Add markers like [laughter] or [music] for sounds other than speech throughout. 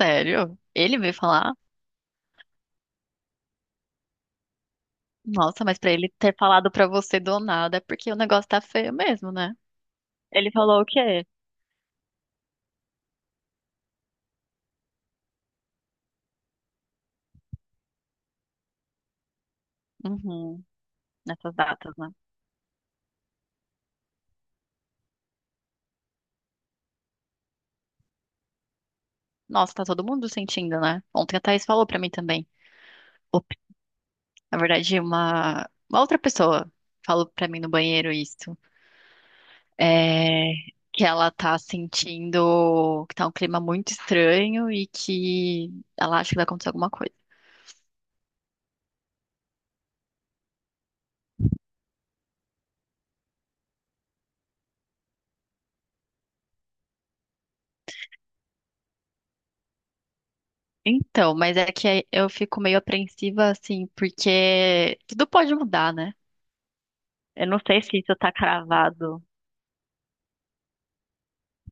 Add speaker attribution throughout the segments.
Speaker 1: Sério? Ele veio falar? Nossa, mas pra ele ter falado pra você do nada é porque o negócio tá feio mesmo, né? Ele falou o quê? Uhum, nessas datas, né? Nossa, tá todo mundo sentindo, né? Ontem a Thaís falou pra mim também. Op, na verdade, uma outra pessoa falou pra mim no banheiro isso. É, que ela tá sentindo que tá um clima muito estranho e que ela acha que vai acontecer alguma coisa. Então, mas é que aí eu fico meio apreensiva, assim, porque tudo pode mudar, né? Eu não sei se isso tá cravado,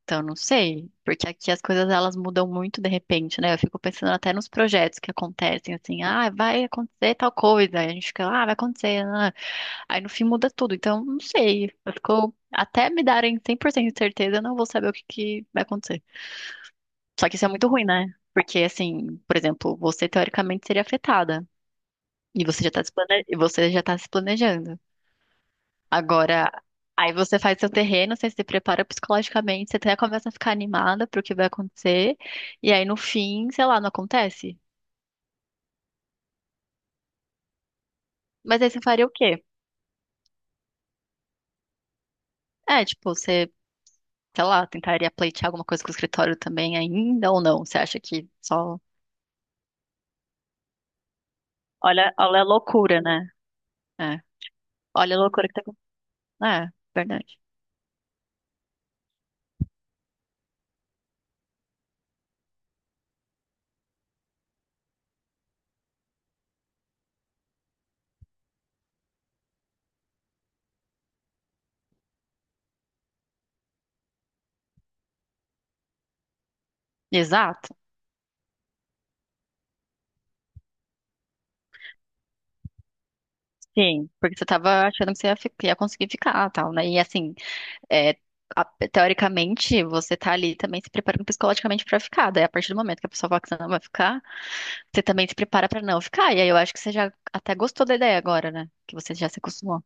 Speaker 1: então eu não sei, porque aqui as coisas elas mudam muito de repente, né? Eu fico pensando até nos projetos que acontecem, assim, ah, vai acontecer tal coisa, aí a gente fica, ah, vai acontecer, ah. Aí no fim muda tudo, então não sei, eu fico, até me darem 100% de certeza, eu não vou saber o que que vai acontecer. Só que isso é muito ruim, né? Porque, assim, por exemplo, você teoricamente seria afetada. E você já está se plane... e você já tá se planejando. Agora, aí você faz seu terreno, você se prepara psicologicamente, você até começa a ficar animada pro que vai acontecer, e aí no fim, sei lá, não acontece. Mas aí você faria o quê? É, tipo, você, sei lá, tentaria pleitear alguma coisa com o escritório também ainda ou não? Você acha que só. Olha, olha a loucura, né? É. Olha a loucura que tá acontecendo. É, verdade. Exato. Sim, porque você tava achando que você ia, ia conseguir ficar, tal, né? E assim, é, a- teoricamente, você tá ali também se preparando psicologicamente pra ficar. Daí, a partir do momento que a pessoa fala que você não vai ficar, você também se prepara pra não ficar. E aí eu acho que você já até gostou da ideia agora, né? Que você já se acostumou.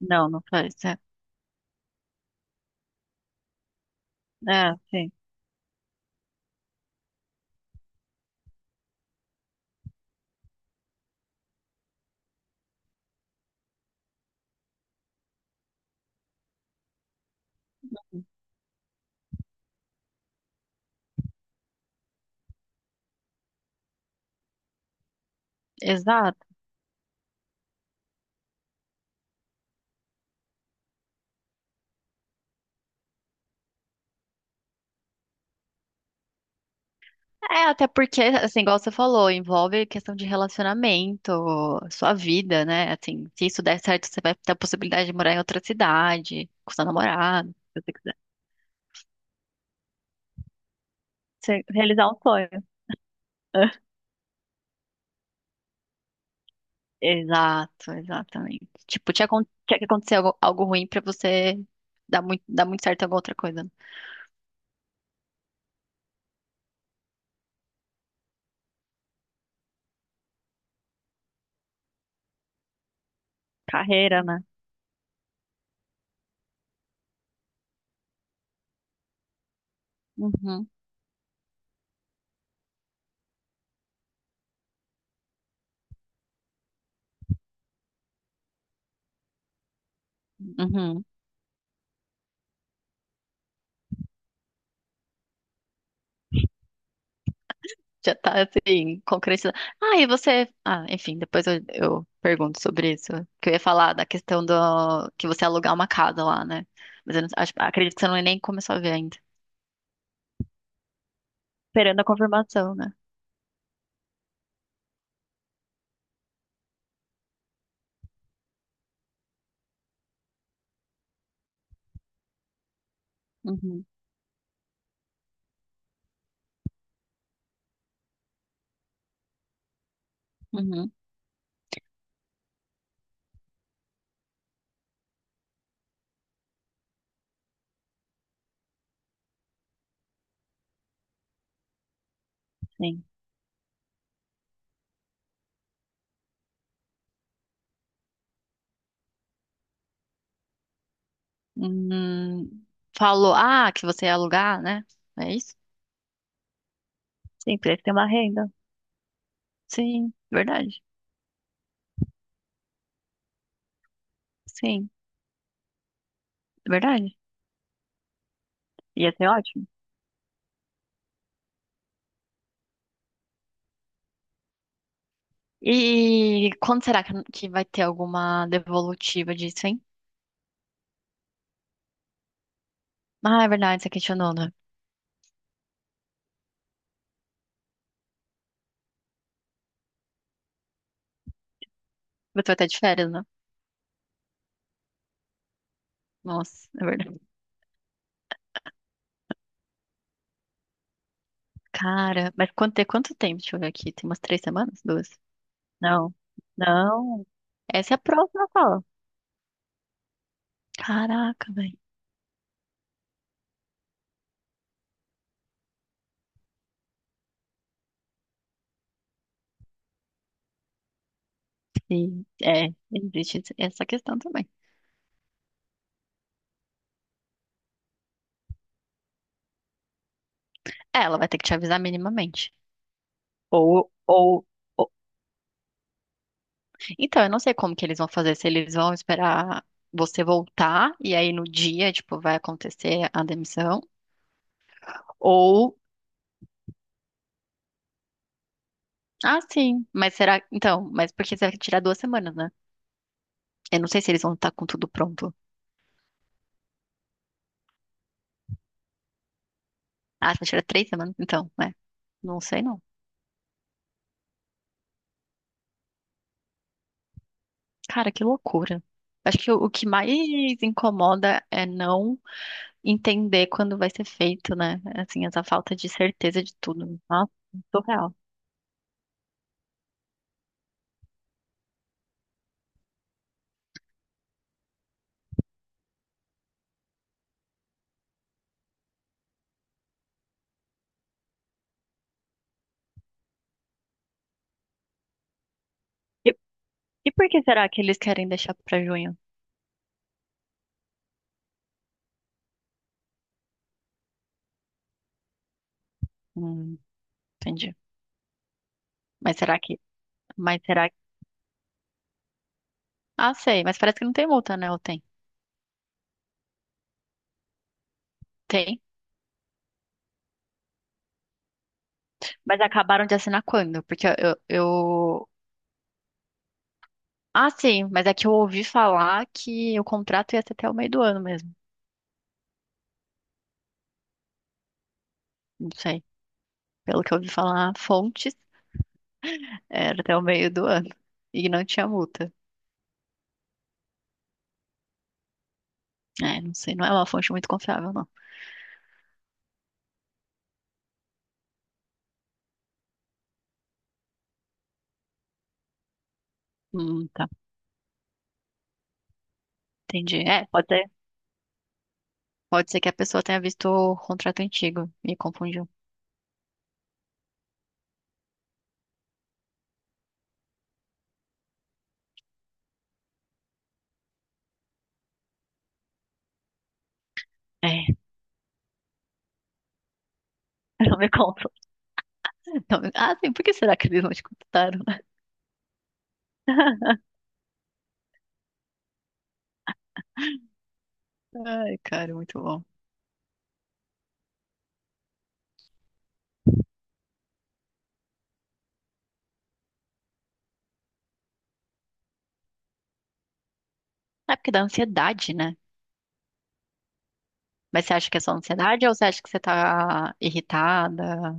Speaker 1: Não, não faz. É, é, sim. Exato. É, até porque, assim, igual você falou, envolve questão de relacionamento, sua vida, né? Assim, se isso der certo, você vai ter a possibilidade de morar em outra cidade, com seu namorado, se você quiser. Você realizar um sonho. Exato, exatamente. Tipo, tinha, tinha que acontecer algo, algo ruim pra você dar muito certo em alguma outra coisa. Carreira, né? Uhum, uhum. Já tá assim, concretizado. Ah, e você. Ah, enfim, depois eu pergunto sobre isso. Que eu ia falar da questão do que você alugar uma casa lá, né? Mas eu não, acredito que você não nem começou a ver ainda. Esperando a confirmação, né? Uhum, uhum, sim. Hum, falou, ah, que você ia alugar, né? É isso? Sim, precisa ter uma renda. Sim, verdade. Sim, verdade. Ia ser ótimo. E quando será que vai ter alguma devolutiva disso, hein? Ah, é verdade, você questionou, né? Você vai estar de férias, né? Nossa, é verdade. Cara, mas quanto, tem quanto tempo? Deixa eu ver aqui. Tem umas três semanas? Duas? Não. Não. Essa é a próxima fala. Caraca, velho. Sim, é, existe essa questão também. É, ela vai ter que te avisar minimamente. Ou, ou, Então, eu não sei como que eles vão fazer, se eles vão esperar você voltar e aí no dia, tipo, vai acontecer a demissão, ou ah, sim, mas será então, mas porque você vai tirar duas semanas, né? Eu não sei se eles vão estar com tudo pronto. Ah, você vai tirar três semanas, então, é. Não sei não. Cara, que loucura. Acho que o que mais incomoda é não entender quando vai ser feito, né? Assim, essa falta de certeza de tudo. Nossa, surreal. E, e por que será que eles querem deixar pra junho? Hum, entendi. Mas será que. Mas será que. Ah, sei, mas parece que não tem multa, né? Ou tem? Tem. Mas acabaram de assinar quando? Porque eu. Ah, sim, mas é que eu ouvi falar que o contrato ia ser até o meio do ano mesmo. Não sei. Pelo que eu ouvi falar, fontes era até o meio do ano. E não tinha multa. É, não sei, não é uma fonte muito confiável, não. Tá. Entendi. É, pode ser. Pode ser que a pessoa tenha visto o contrato antigo e confundiu. É, [laughs] não me conta. Não me- Ah, sim, por que será que eles não te contaram, né? [laughs] Ai, cara, muito bom. É porque dá ansiedade, né? Mas você acha que é só ansiedade ou você acha que você tá irritada?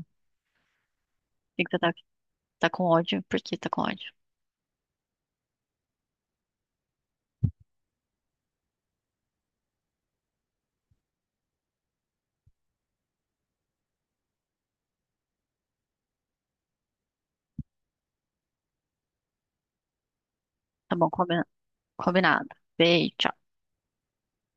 Speaker 1: E que você tá, tá com ódio? Por que tá com ódio? Tá bom, combinado. Beijo, tchau.